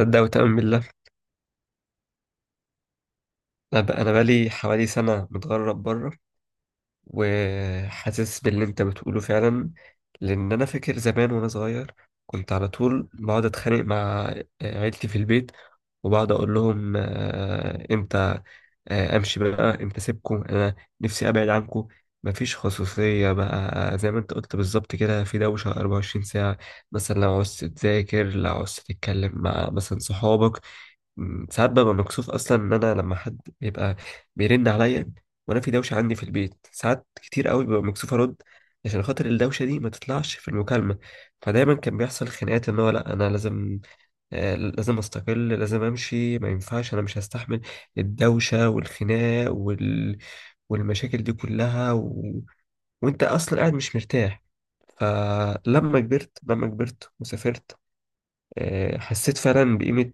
تصدق وتؤمن بالله. أنا بقالي حوالي سنه متغرب بره، وحاسس باللي انت بتقوله فعلا. لان انا فاكر زمان وانا صغير كنت على طول بقعد اتخانق مع عيلتي في البيت، وبقعد اقول لهم امتى امشي بقى، امتى اسيبكم؟ انا نفسي ابعد عنكم. مفيش خصوصيه بقى زي ما انت قلت بالظبط كده، في دوشه 24 ساعه. مثلا لو عوزت تذاكر، لو عوزت تتكلم مع مثلا صحابك، ساعات ببقى مكسوف اصلا ان انا لما حد بيبقى بيرن عليا وانا في دوشه عندي في البيت، ساعات كتير قوي ببقى مكسوف ارد عشان خاطر الدوشه دي ما تطلعش في المكالمه. فدايما كان بيحصل خناقات ان هو لا، انا لازم لازم استقل، لازم امشي، ما ينفعش، انا مش هستحمل الدوشه والخناق والمشاكل دي كلها، وانت اصلا قاعد مش مرتاح. فلما كبرت وسافرت، حسيت فعلا بقيمة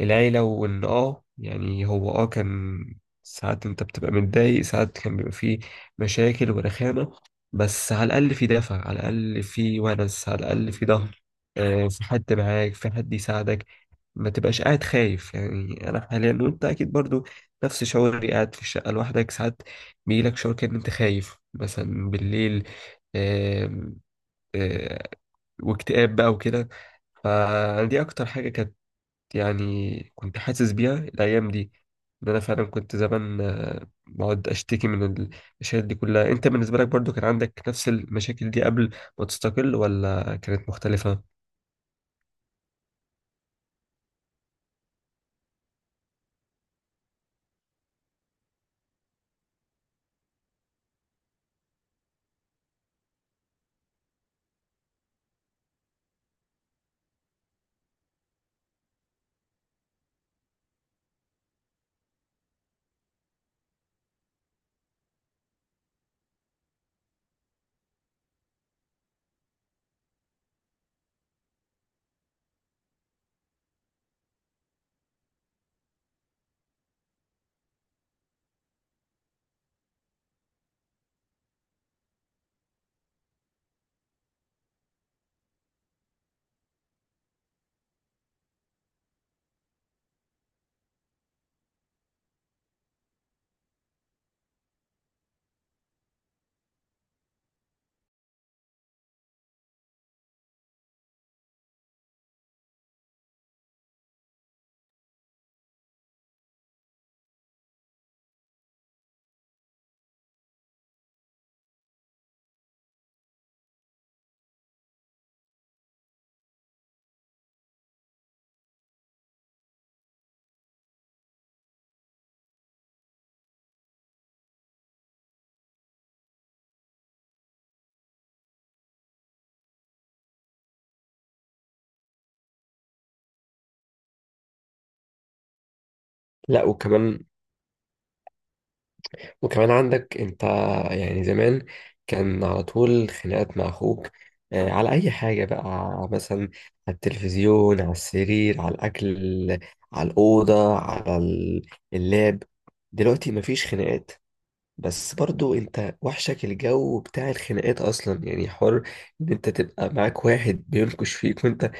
العيلة، وإن يعني هو كان ساعات أنت بتبقى متضايق، ساعات كان بيبقى فيه مشاكل ورخامة. بس على الأقل في دافع، على الأقل في ونس، على الأقل في ظهر، في حد معاك، في حد يساعدك، ما تبقاش قاعد خايف. يعني أنا حاليا، وأنت أكيد برضو نفس شعوري، قاعد في الشقة لوحدك، ساعات بيجيلك شعور كأن أنت خايف مثلا بالليل، آم، آه، واكتئاب بقى وكده. فدي أكتر حاجة كانت، يعني كنت حاسس بيها الأيام دي. إن أنا فعلا كنت زمان بقعد أشتكي من المشاكل دي كلها. أنت بالنسبة لك برضو كان عندك نفس المشاكل دي قبل ما تستقل، ولا كانت مختلفة؟ لا وكمان عندك انت، يعني زمان كان على طول خناقات مع اخوك، على اي حاجه بقى، مثلا على التلفزيون، على السرير، على الاكل، على الاوضه، على اللاب. دلوقتي مفيش خناقات، بس برضو انت وحشك الجو بتاع الخناقات اصلا. يعني حر ان انت تبقى معاك واحد بينكش فيك وانت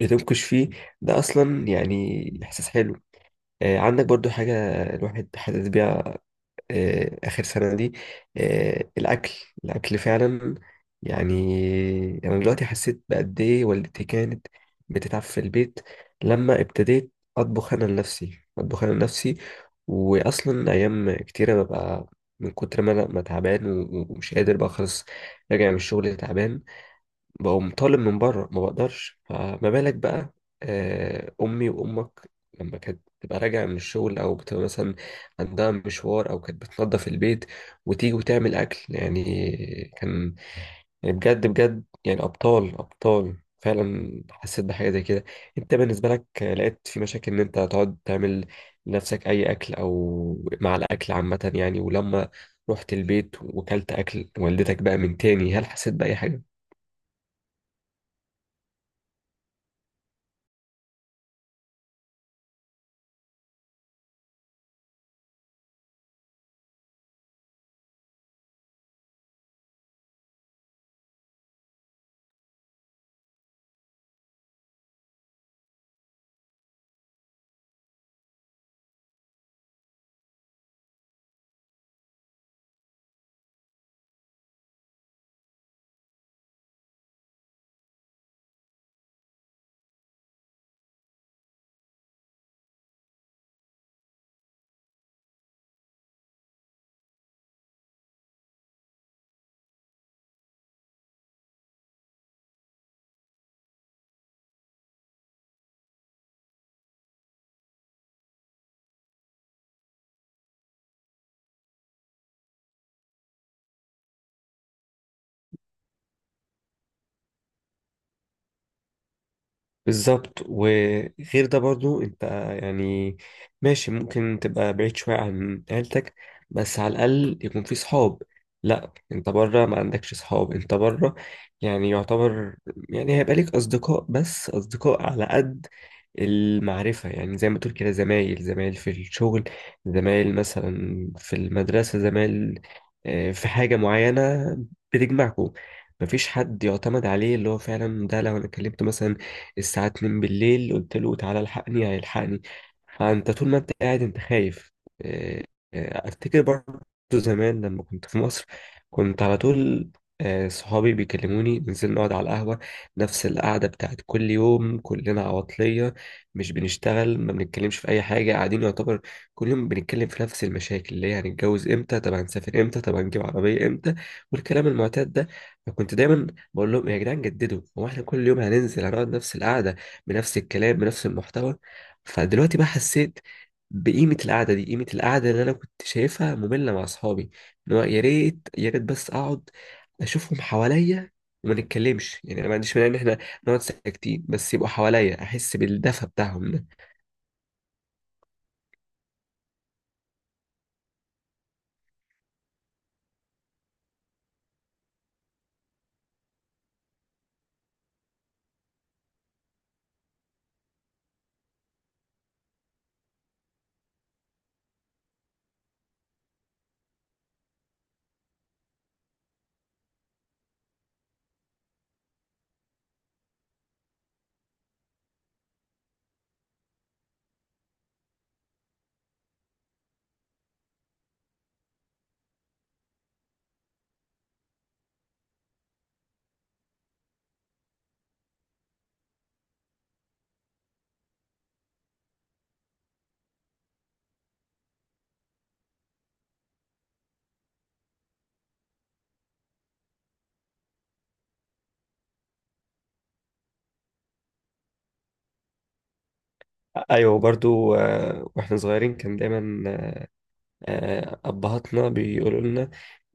بتنكش فيه، ده اصلا يعني احساس حلو. عندك برضو حاجة الواحد حاسس بيها آخر سنة دي. الأكل، الأكل فعلا. يعني أنا دلوقتي حسيت بقد إيه والدتي كانت بتتعب في البيت لما ابتديت أطبخ أنا لنفسي. وأصلا أيام كتيرة ببقى من كتر ما أنا ما تعبان ومش قادر بقى، خلاص راجع من الشغل تعبان، بقوم طالب من بره، ما بقدرش. فما بالك بقى امي وامك لما كانت تبقى راجعه من الشغل، او بتبقى مثلا عندها مشوار، او كانت بتنظف البيت وتيجي وتعمل اكل. يعني كان يعني بجد بجد، يعني ابطال ابطال فعلا. حسيت بحاجه زي كده. انت بالنسبه لك لقيت في مشاكل ان انت تقعد تعمل لنفسك اي اكل، او مع الاكل عامه يعني؟ ولما رحت البيت وكلت اكل والدتك بقى من تاني، هل حسيت باي حاجه؟ بالظبط. وغير ده برضو انت يعني ماشي ممكن تبقى بعيد شوية عن عيلتك، بس على الأقل يكون في صحاب. لا، انت بره ما عندكش صحاب. انت بره يعني يعتبر، يعني هيبقى ليك أصدقاء، بس أصدقاء على قد المعرفة. يعني زي ما تقول كده، زمايل، زمايل في الشغل، زمايل مثلا في المدرسة، زمايل في حاجة معينة بتجمعكم. مفيش حد يعتمد عليه اللي هو فعلا ده لو انا كلمته مثلا الساعة 2 بالليل، قلت له تعالى الحقني، هيلحقني؟ فأنت طول ما أنت قاعد، أنت خايف. آه، أفتكر برضه زمان لما كنت في مصر كنت على طول صحابي بيكلموني ننزل نقعد على القهوة، نفس القعدة بتاعت كل يوم. كلنا عواطلية، مش بنشتغل، ما بنتكلمش في أي حاجة، قاعدين يعتبر كل يوم بنتكلم في نفس المشاكل، اللي هي هنتجوز امتى، طب هنسافر امتى، طب هنجيب عربية امتى، والكلام المعتاد ده. فكنت دايما بقول لهم يا جدعان جددوا، هو احنا كل يوم هننزل هنقعد نفس القعده بنفس الكلام بنفس المحتوى؟ فدلوقتي بقى حسيت بقيمه القعده دي، قيمه القعده اللي انا كنت شايفها ممله مع اصحابي. ان هو يا ريت يا ريت بس اقعد اشوفهم حواليا، وما نتكلمش. يعني انا ما عنديش مانع ان احنا نقعد ساكتين بس يبقوا حواليا احس بالدفى بتاعهم ده. ايوه برضو. واحنا صغيرين كان دايما أبهاتنا بيقولوا لنا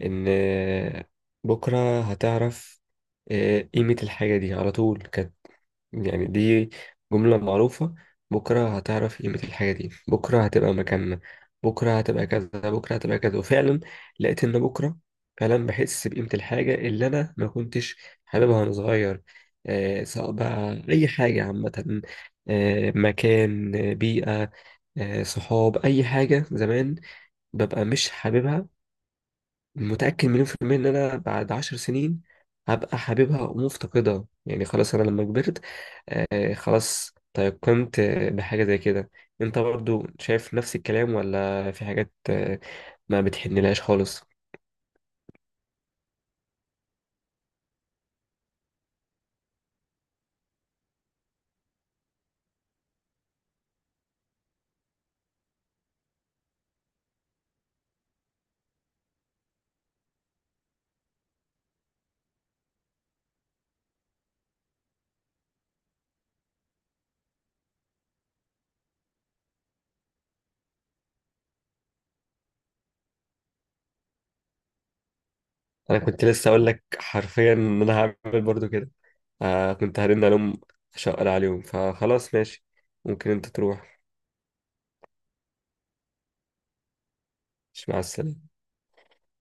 إن بكرة هتعرف قيمة الحاجة دي. على طول كانت يعني دي جملة معروفة: بكرة هتعرف قيمة الحاجة دي، بكرة هتبقى مكاننا، بكرة هتبقى كذا، بكرة هتبقى كذا. وفعلا لقيت إن بكرة فعلا بحس بقيمة الحاجة اللي أنا ما كنتش حاببها وأنا صغير. سواء بقى أي حاجة عامة، مكان، بيئة، صحاب. أي حاجة زمان ببقى مش حاببها، متأكد 1000000% إن أنا بعد 10 سنين هبقى حاببها ومفتقدها. يعني خلاص أنا لما كبرت خلاص تيقنت بحاجة زي كده. أنت برضو شايف نفس الكلام، ولا في حاجات ما بتحنلهاش خالص؟ أنا كنت لسه أقول لك حرفيا إن أنا هعمل برضو كده. كنت هرن ألوم شقر عليهم. فخلاص ماشي، ممكن أنت تروح. مش مع السلامة.